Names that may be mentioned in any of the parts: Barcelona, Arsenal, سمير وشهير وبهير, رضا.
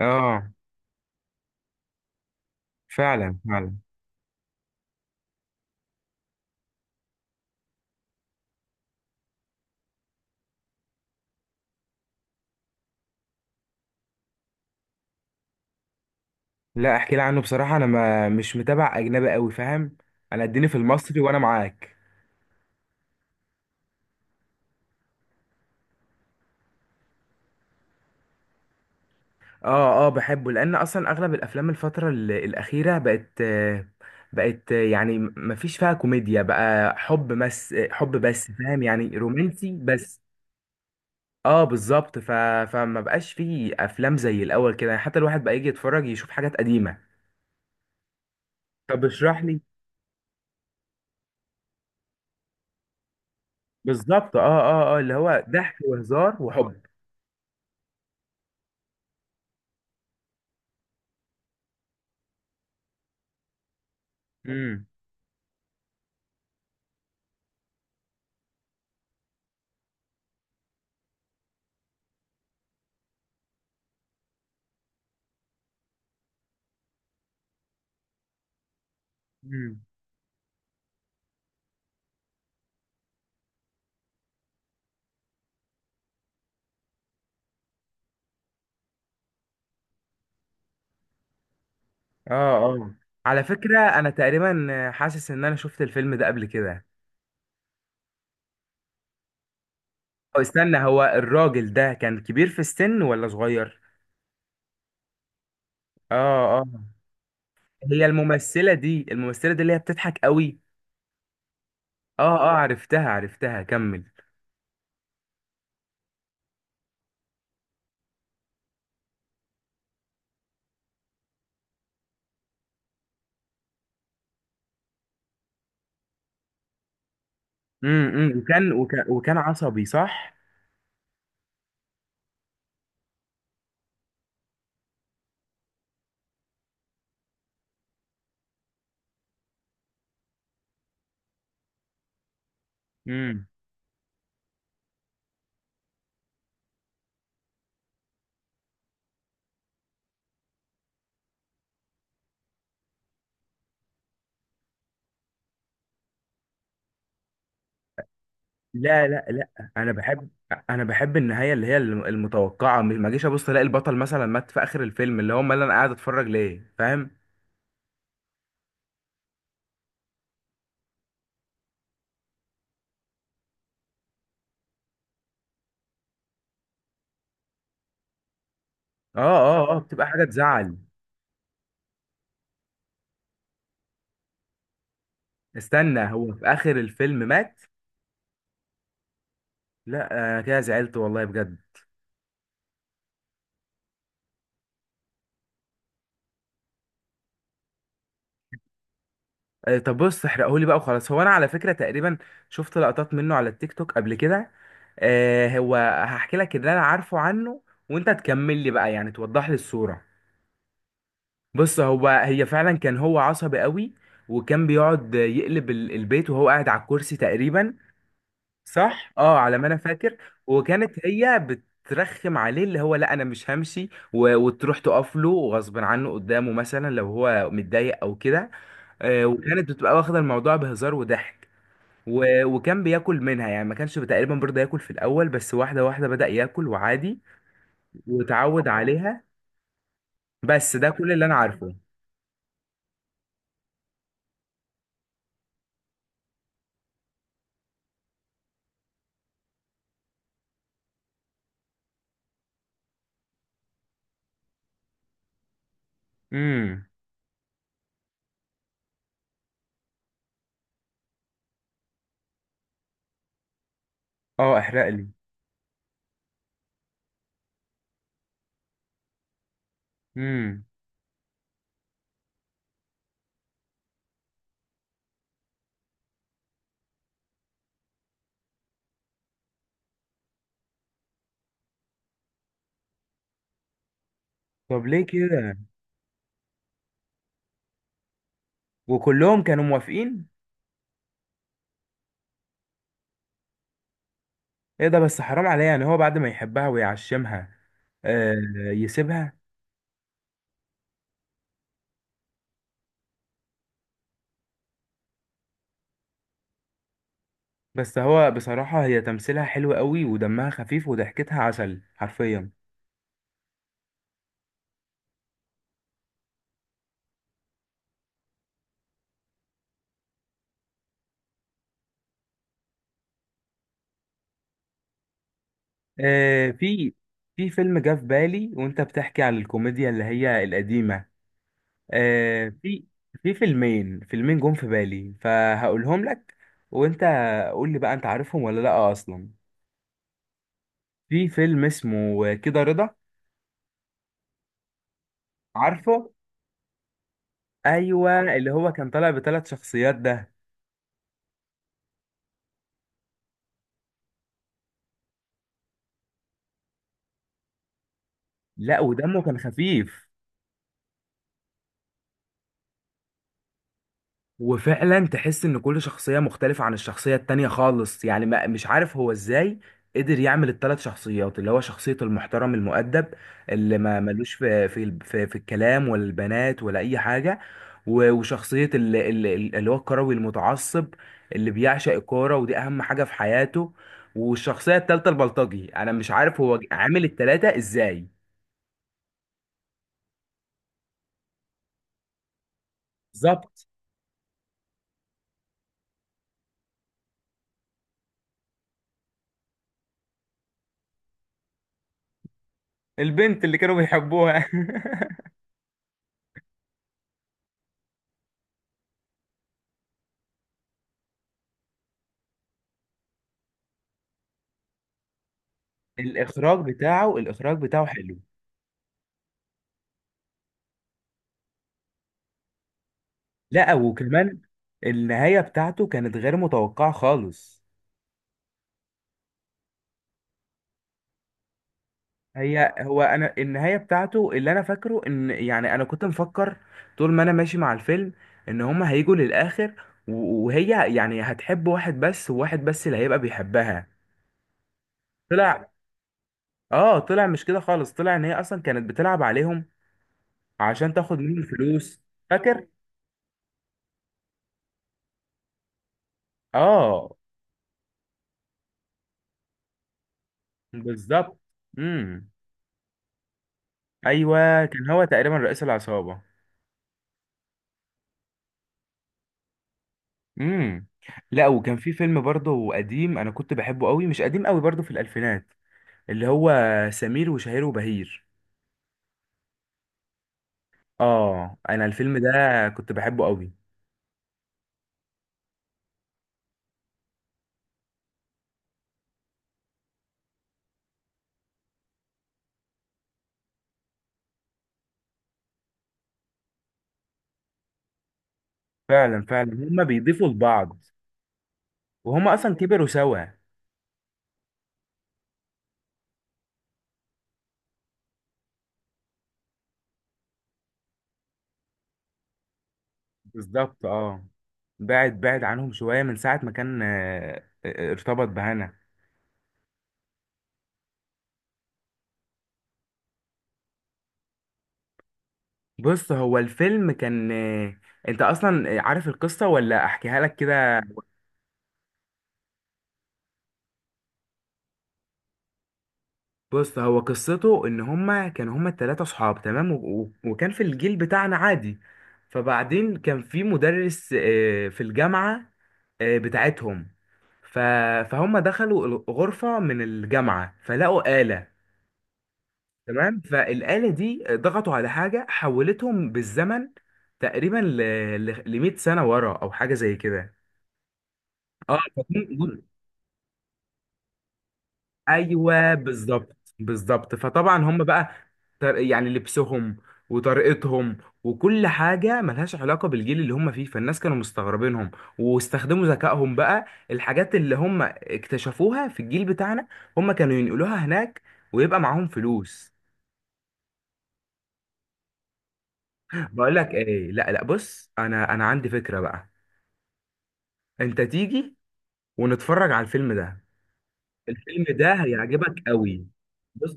اه، فعلا. لا احكي لي عنه. بصراحه انا ما مش متابع اجنبي قوي، فاهم. انا اديني في المصري وانا معاك. اه اه، بحبه لان اصلا اغلب الافلام الفتره الاخيره بقت بقت يعني ما فيش فيها كوميديا، بقى حب بس، حب بس، فاهم؟ يعني رومانسي بس. اه بالظبط. فما بقاش فيه افلام زي الاول كده، يعني حتى الواحد بقى يجي يتفرج يشوف حاجات قديمه. طب اشرح لي. بالظبط، اه اه اه، اللي هو ضحك وهزار وحب. امم. اه اه، على فكرة انا تقريبا حاسس ان انا شفت الفيلم ده قبل كده. أو استنى، هو الراجل ده كان كبير في السن ولا صغير؟ اه اه. هي الممثلة دي، الممثلة دي اللي هي بتضحك قوي؟ اه اه، عرفتها عرفتها، كمل. امم. وكان عصبي صح؟ امم. لا لا لا، انا بحب، انا بحب النهاية اللي هي المتوقعة. ما جيش ابص الاقي البطل مثلا مات في اخر الفيلم، اللي هو امال انا قاعد اتفرج ليه؟ فاهم. اه اه اه، بتبقى حاجة تزعل. استنى، هو في اخر الفيلم مات؟ لا انا كده زعلت والله بجد. طب بص احرقهولي بقى وخلاص. هو انا على فكره تقريبا شفت لقطات منه على التيك توك قبل كده. هو هحكي لك اللي انا عارفه عنه وانت تكمل لي بقى، يعني توضح لي الصوره. بص، هو هي فعلا كان هو عصبي قوي، وكان بيقعد يقلب البيت وهو قاعد على الكرسي تقريبا. صح اه، على ما انا فاكر. وكانت هي بترخم عليه، اللي هو لا انا مش همشي، وتروح تقف له غصب عنه قدامه مثلا لو هو متضايق او كده. آه، وكانت بتبقى واخده الموضوع بهزار وضحك. وكان بياكل منها. يعني ما كانش تقريبا برضه ياكل في الاول، بس واحده واحده بدأ ياكل وعادي، وتعود عليها. بس ده كل اللي انا عارفه. امم. اه احرق لي. امم. طب ليه كده؟ وكلهم كانوا موافقين؟ ايه ده، بس حرام عليه، يعني هو بعد ما يحبها ويعشمها آه يسيبها. بس هو بصراحة هي تمثيلها حلو قوي، ودمها خفيف، وضحكتها عسل حرفيا. في في فيلم جه في بالي وانت بتحكي عن الكوميديا اللي هي القديمة. آه في في فيلمين جم في بالي، فهقولهم لك، وانت قول لي بقى انت عارفهم ولا لا اصلا. في فيلم اسمه كده رضا. عارفه؟ ايوه، اللي هو كان طالع بثلاث شخصيات ده. لا، ودمه كان خفيف. وفعلا تحس ان كل شخصية مختلفة عن الشخصية التانية خالص، يعني ما مش عارف هو ازاي قدر يعمل الثلاث شخصيات. اللي هو شخصية المحترم المؤدب اللي ما ملوش في الكلام ولا البنات ولا اي حاجة. وشخصية اللي هو الكروي المتعصب اللي بيعشق الكورة، ودي اهم حاجة في حياته. والشخصية التالتة البلطجي. انا مش عارف هو عامل التلاتة ازاي. بالظبط. البنت اللي كانوا بيحبوها الاخراج بتاعه، الاخراج بتاعه حلو. لا، وكمان النهايه بتاعته كانت غير متوقعه خالص. هي هو انا النهايه بتاعته اللي انا فاكره، ان يعني انا كنت مفكر طول ما انا ماشي مع الفيلم ان هما هيجوا للاخر، وهي يعني هتحب واحد بس، وواحد بس اللي هيبقى بيحبها. طلع، اه طلع مش كده خالص. طلع ان هي اصلا كانت بتلعب عليهم عشان تاخد منهم فلوس. فاكر؟ اه بالظبط. امم. ايوه كان هو تقريبا رئيس العصابه. امم. لا، وكان في فيلم برضه قديم انا كنت بحبه قوي، مش قديم قوي، برضه في الالفينات، اللي هو سمير وشهير وبهير. اه انا الفيلم ده كنت بحبه قوي. فعلا فعلا، هما بيضيفوا لبعض. وهما اصلا كبروا سوا. بالظبط. اه بعد عنهم شويه من ساعه ما كان ارتبط بهنا. بص هو الفيلم كان انت اصلا عارف القصه ولا احكيها لك كده؟ بص هو قصته ان هما كانوا، هما التلاتة صحاب تمام، وكان في الجيل بتاعنا عادي. فبعدين كان في مدرس في الجامعة بتاعتهم. ف... فهم دخلوا غرفة من الجامعة فلقوا آلة. تمام، فالآلة دي ضغطوا على حاجة حولتهم بالزمن تقريبا ل 100 سنة ورا أو حاجة زي كده. اه ايوه بالظبط بالظبط. فطبعا هم بقى يعني لبسهم وطريقتهم وكل حاجه ملهاش علاقه بالجيل اللي هم فيه، فالناس كانوا مستغربينهم. واستخدموا ذكائهم بقى، الحاجات اللي هم اكتشفوها في الجيل بتاعنا هم كانوا ينقلوها هناك ويبقى معاهم فلوس. بقول لك ايه، لا لا بص، انا عندي فكره بقى. انت تيجي ونتفرج على الفيلم ده. الفيلم ده هيعجبك قوي، بص،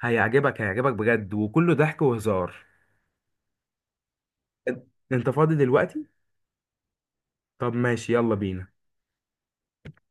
هيعجبك، هيعجبك بجد، وكله ضحك وهزار. انت فاضي دلوقتي؟ طب ماشي، يلا بينا.